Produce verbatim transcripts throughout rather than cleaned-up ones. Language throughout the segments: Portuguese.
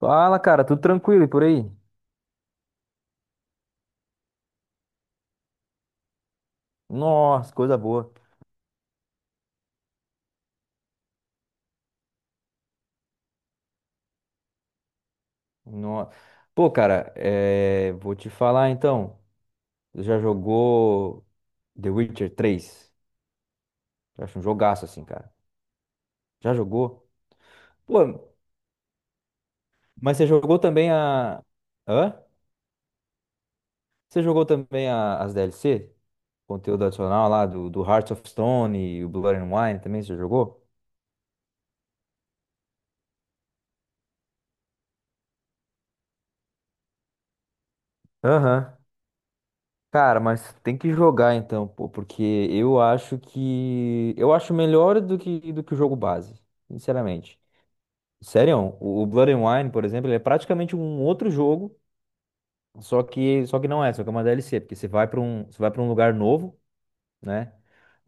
Fala, cara, tudo tranquilo e por aí? Nossa, coisa boa. Nossa. Pô, cara, é, vou te falar então. Você já jogou The Witcher três. Eu acho um jogaço assim, cara. Já jogou? Pô, mas você jogou também a. Hã? Você jogou também a- as D L C? Conteúdo adicional lá do, do Hearts of Stone e o Blood and Wine também, você jogou? Aham. Cara, mas tem que jogar então, pô, porque eu acho que eu acho melhor do que do que o jogo base, sinceramente. Sério, o o Blood and Wine, por exemplo, ele é praticamente um outro jogo, só que só que não é, só que é uma D L C, porque você vai para um, você vai para um lugar novo, né?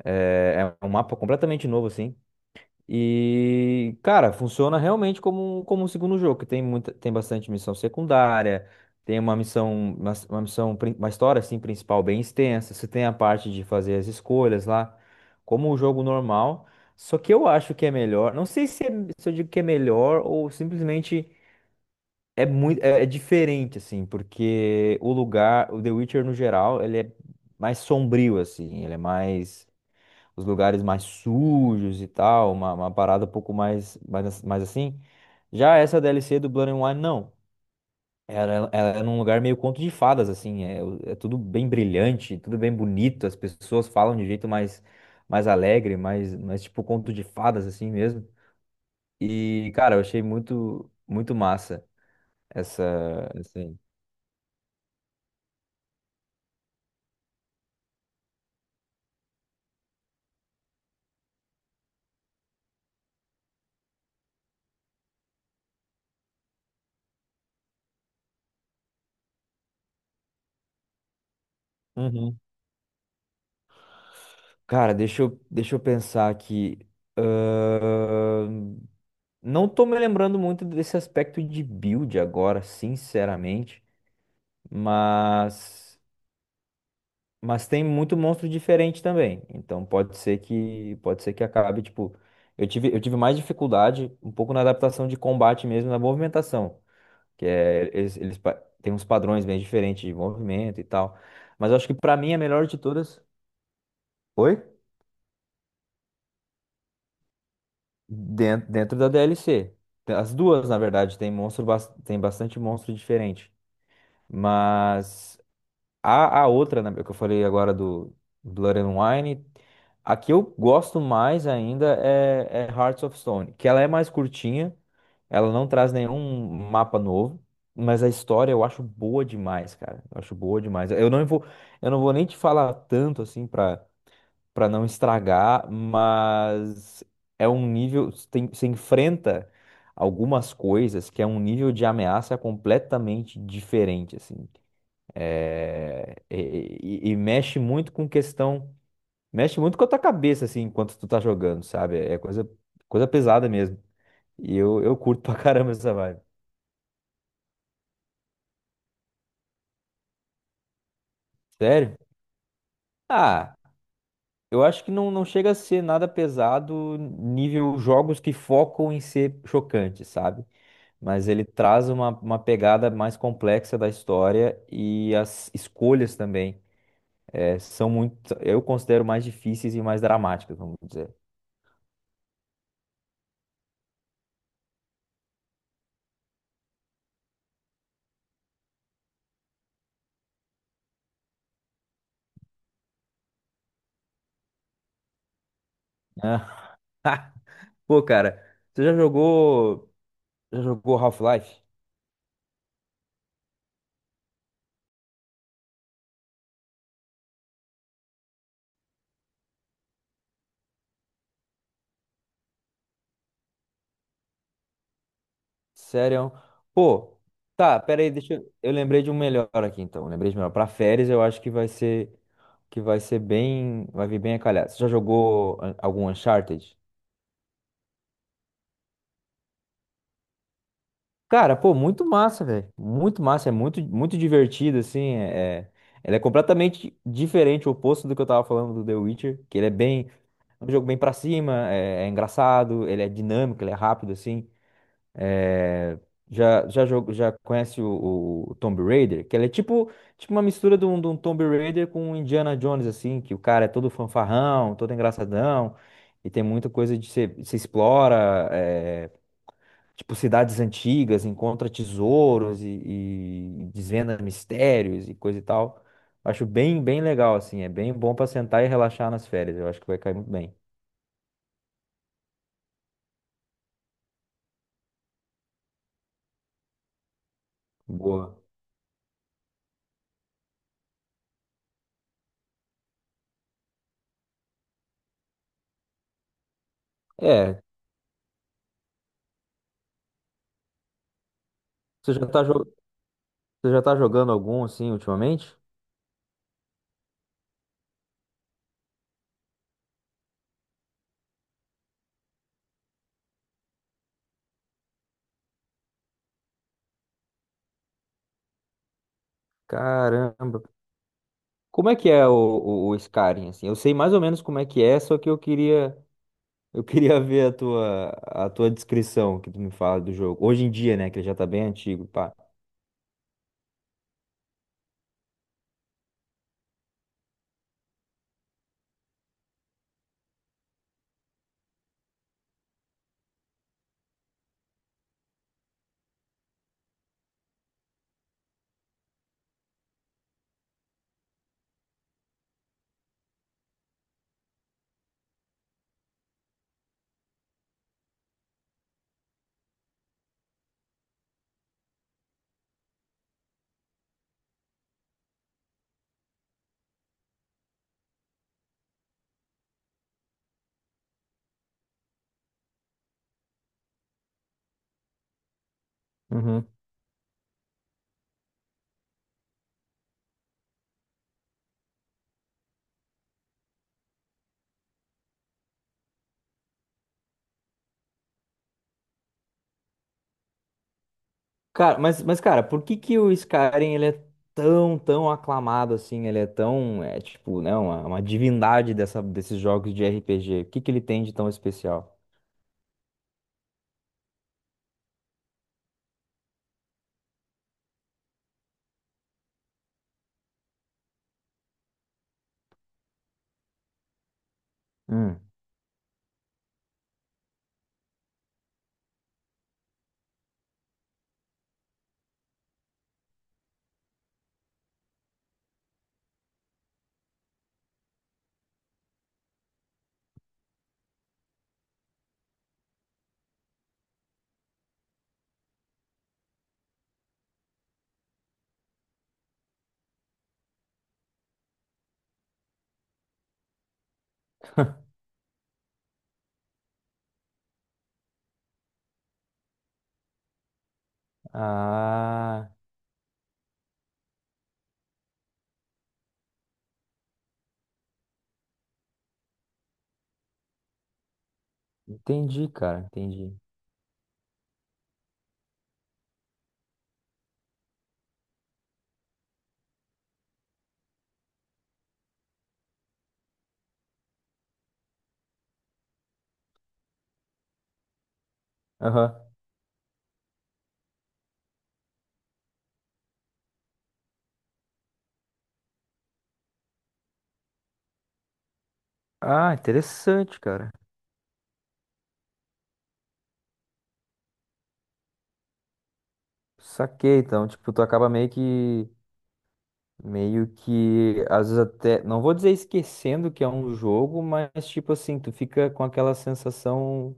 É, é um mapa completamente novo assim. E, cara, funciona realmente como, um- como um segundo jogo, que tem muita, tem bastante missão secundária, tem uma missão, uma, uma missão, prin- uma história assim principal bem extensa, você tem a parte de fazer as escolhas lá, como um jogo normal. Só que eu acho que é melhor, não sei se, é- se eu digo que é melhor ou simplesmente é muito, é, é diferente assim, porque o lugar, o The Witcher no geral, ele é mais sombrio assim, ele é mais os lugares mais sujos e tal, uma, uma parada um pouco mais, mais, mais assim. Já essa D L C do Blood and Wine, não. Ela, ela é num lugar meio conto de fadas, assim. É, o- é tudo bem brilhante, tudo bem bonito. As pessoas falam de um jeito mais, mais alegre, mais, mais tipo conto de fadas, assim mesmo. E, cara, eu achei muito, muito massa essa, essa aí. Uhum. Cara, deixa eu, deixa eu pensar aqui. Ahn, Não tô me lembrando muito desse aspecto de build agora, sinceramente, mas mas tem muito monstro diferente também. Então pode ser que pode ser que acabe, tipo, eu tive eu tive mais dificuldade um pouco na adaptação de combate mesmo, na movimentação, que é eles, eles pa- têm uns padrões bem diferentes de movimento e tal. Mas eu acho que pra mim a melhor de todas, oi? Dentro, dentro da D L C. As duas, na verdade, tem monstro, bas- tem bastante monstro diferente. Mas A, a outra, né, que eu falei agora do Blood and Wine, a que eu gosto mais ainda é, é Hearts of Stone, que ela é mais curtinha, ela não traz nenhum mapa novo, mas a história eu acho boa demais, cara. Eu acho boa demais. Eu não vou, eu não vou nem te falar tanto assim pra para não estragar, mas é um nível, tem, você enfrenta algumas coisas que é um nível de ameaça completamente diferente, assim. É, e, e- e mexe muito com questão, mexe muito com a tua cabeça, assim, enquanto tu tá jogando, sabe? É coisa, coisa pesada mesmo. E eu, eu curto pra caramba essa vibe. Sério? Ah, eu acho que não, não chega a ser nada pesado nível jogos que focam em ser chocante, sabe? Mas ele traz uma, uma pegada mais complexa da história e as escolhas também é, são muito, eu considero mais difíceis e mais dramáticas, vamos dizer. Pô, cara, você já jogou. Já jogou Half-Life? Sério? é um, Pô, tá, pera aí, deixa eu. Eu lembrei de um melhor aqui, então. Lembrei de melhor. Pra férias, eu acho que vai ser. Que vai ser bem. Vai vir bem a calhar. Você já jogou an- algum Uncharted? Cara, pô, muito massa, velho. Muito massa. É muito, muito divertido, assim. É... é, Ele é completamente diferente, o oposto do que eu tava falando do The Witcher. Que ele é bem. É um jogo bem pra cima, é, é engraçado, ele é dinâmico, ele é rápido, assim. É, já, já, jogou- Já conhece o, o Tomb Raider? Que ele é tipo, tipo uma mistura de um, de um Tomb Raider com um Indiana Jones, assim, que o cara é todo fanfarrão, todo engraçadão, e tem muita coisa de se, se explora, é, tipo cidades antigas, encontra tesouros e, e desvenda mistérios e coisa e tal. Acho bem, bem legal, assim, é bem bom pra sentar e relaxar nas férias, eu acho que vai cair muito bem. Boa. É, você já tá, jo- você já tá jogando algum, assim, ultimamente? Caramba. Como é que é o, o, o Skyrim, assim? Eu sei mais ou menos como é que é, só que eu queria eu queria ver a tua a tua descrição que tu me fala do jogo. Hoje em dia, né, que ele já tá bem antigo, pá. Uhum. Cara, mas mas cara, por que que o Skyrim ele é tão tão aclamado assim? Ele é tão é tipo, né, uma, uma divindade dessa desses jogos de R P G. O que que ele tem de tão especial? Hum. Ah, entendi, cara, entendi. Aham. Ah, interessante, cara. Saquei, então, tipo, tu acaba meio que, meio que, às vezes até, não vou dizer esquecendo que é um jogo, mas, tipo assim, tu fica com aquela sensação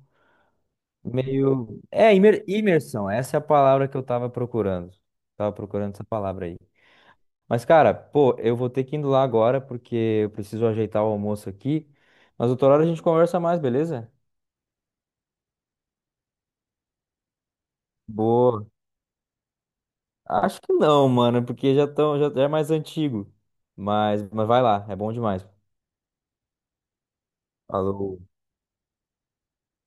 meio, é, imer- imersão, essa é a palavra que eu tava procurando, tava procurando essa palavra aí. Mas, cara, pô, eu vou ter que ir indo lá agora, porque eu preciso ajeitar o almoço aqui, mas outra hora a gente conversa mais, beleza? Boa. Acho que não, mano, porque já tão, já já é mais antigo, mas, mas vai lá, é bom demais. Falou.